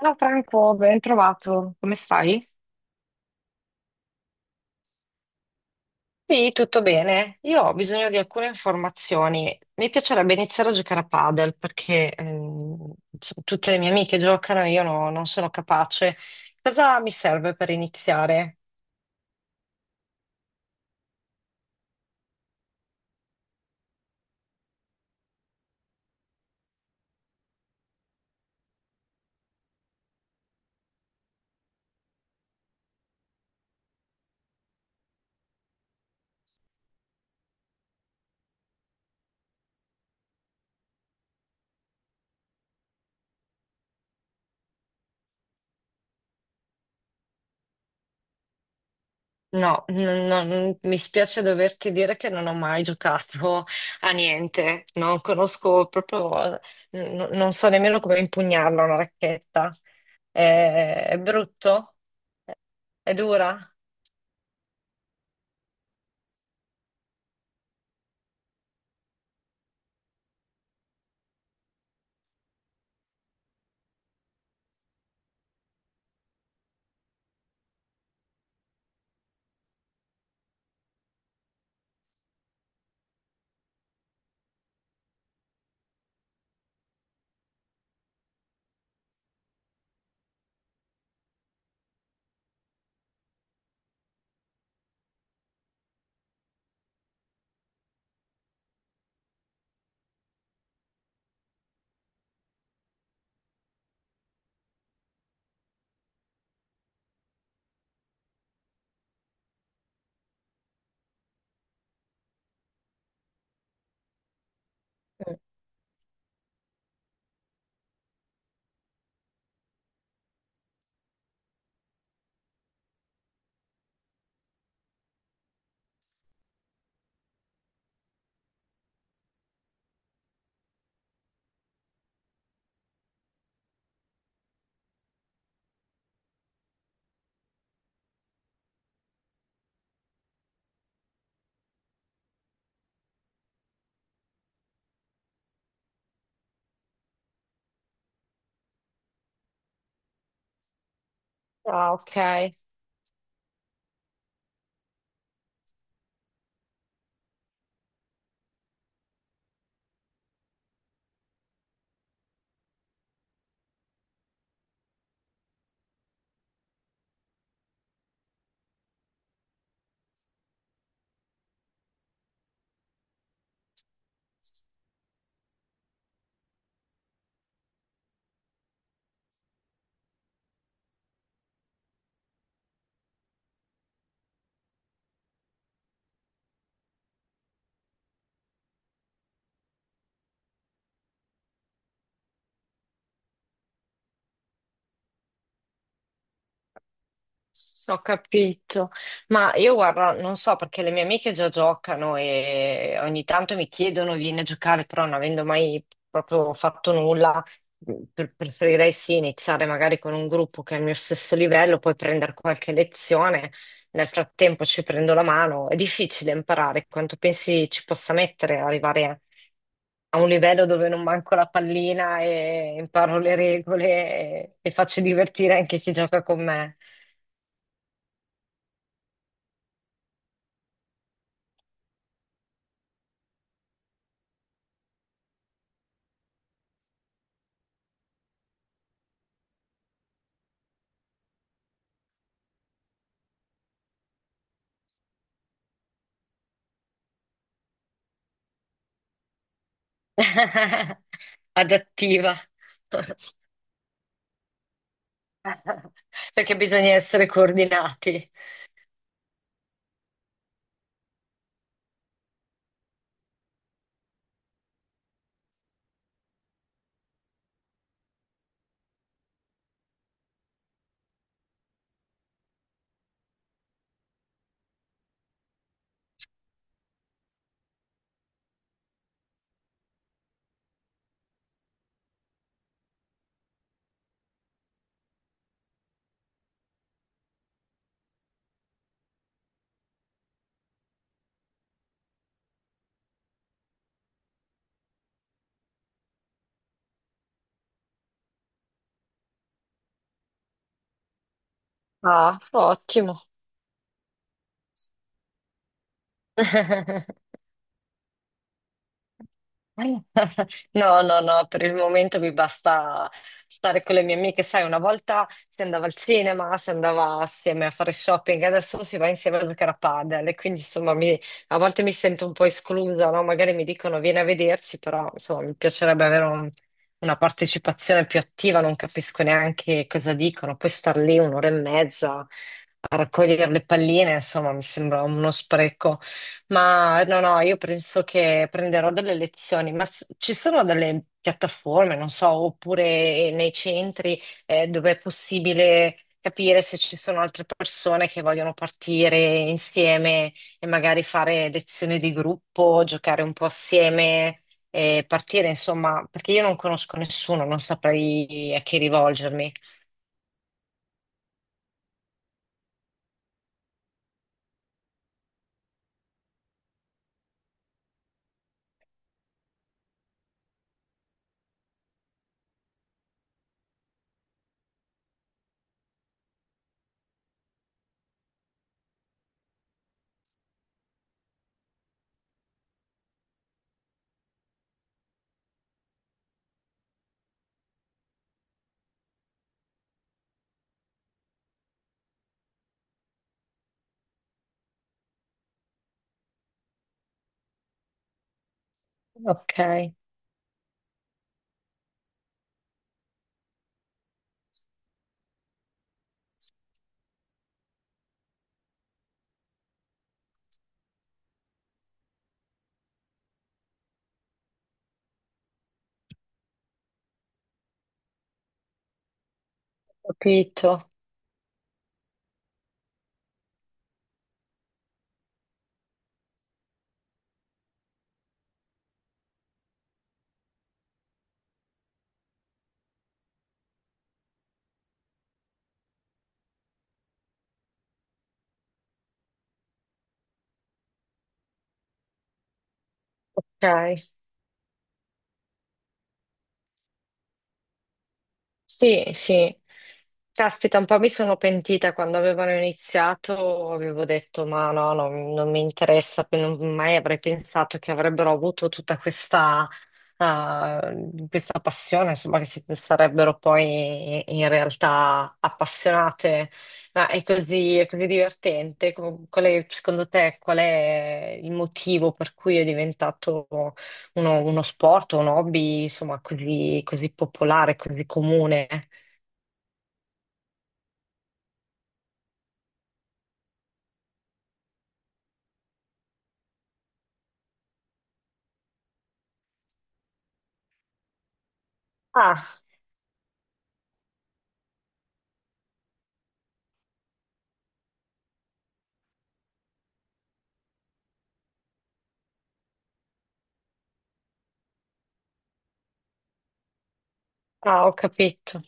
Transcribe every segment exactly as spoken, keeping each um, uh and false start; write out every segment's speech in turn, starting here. Ciao Franco, ben trovato. Come stai? Sì, tutto bene. Io ho bisogno di alcune informazioni. Mi piacerebbe iniziare a giocare a padel perché ehm, insomma, tutte le mie amiche giocano e io no- non sono capace. Cosa mi serve per iniziare? No, n- non- mi spiace doverti dire che non ho mai giocato a niente. Non conosco proprio, n- non so nemmeno come impugnarla una racchetta. È, è brutto? È dura? Ah, ok, ho capito. Ma io guarda, non so perché le mie amiche già giocano e ogni tanto mi chiedono vieni a giocare, però non avendo mai proprio fatto nulla, mhmm, pre- preferirei sì iniziare magari con un gruppo che è al mio stesso livello, poi prendere qualche lezione. Nel frattempo ci prendo la mano. È difficile imparare, quanto pensi ci possa mettere ad arrivare a un livello dove non manco la pallina e imparo le regole e, e faccio divertire anche chi gioca con me. Adattiva. Perché bisogna essere coordinati. Ah, ottimo. No, no, no, per il momento mi basta stare con le mie amiche. Sai, una volta si andava al cinema, si andava assieme a fare shopping, adesso si va insieme a giocare a padel e quindi insomma mi- a volte mi sento un po' esclusa, no? Magari mi dicono vieni a vederci, però insomma mi piacerebbe avere un- una partecipazione più attiva, non capisco neanche cosa dicono, poi star lì un'ora e mezza a raccogliere le palline, insomma mi sembra uno spreco. Ma no, no, io penso che prenderò delle lezioni, ma s- ci sono delle piattaforme, non so, oppure nei centri eh, dove è possibile capire se ci sono altre persone che vogliono partire insieme e magari fare lezioni di gruppo, giocare un po' assieme e partire, insomma, perché io non conosco nessuno, non saprei a chi rivolgermi. Ok, capito. Ok. Sì, sì. Caspita, un po' mi sono pentita quando avevano iniziato, avevo detto ma no, no, non mi interessa, pe- non mai avrei pensato che avrebbero avuto tutta questa, eh, questa passione, insomma, che si sarebbero poi in realtà appassionate. Ma è così, è così divertente. Com- Qual è, secondo te, qual è il motivo per cui è diventato uno, uno sport, un hobby, insomma, così, così popolare, così comune. Ah, ah, ho capito.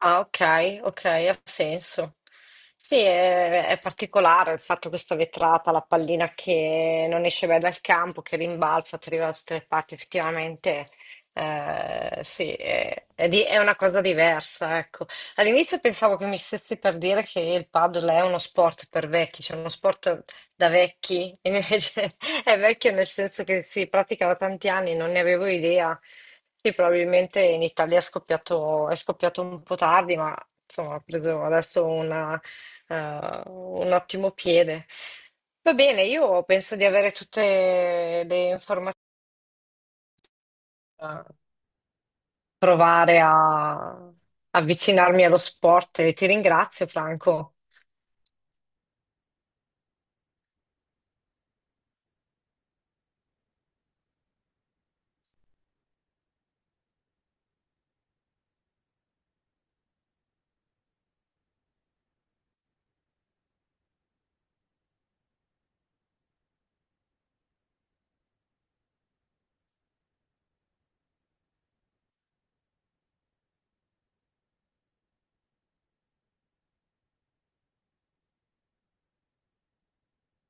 Ah, ok, ok, ha senso. Sì, è, è particolare il fatto questa vetrata, la pallina che non esce mai dal campo, che rimbalza, ti arriva da tutte le parti, effettivamente, eh sì, è, è di- è una cosa diversa, ecco. All'inizio pensavo che mi stessi per dire che il paddle è uno sport per vecchi, cioè uno sport da vecchi, e invece è vecchio nel senso che si pratica da tanti anni, non ne avevo idea. Sì, probabilmente in Italia è scoppiato, è scoppiato un po' tardi, ma insomma ha preso adesso una, eh, un ottimo piede. Va bene, io penso di avere tutte le informazioni, da provare a avvicinarmi allo sport e ti ringrazio, Franco.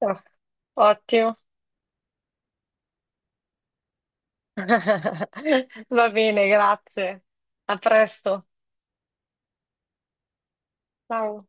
Ah, ottimo. Va bene, grazie. A presto. Ciao.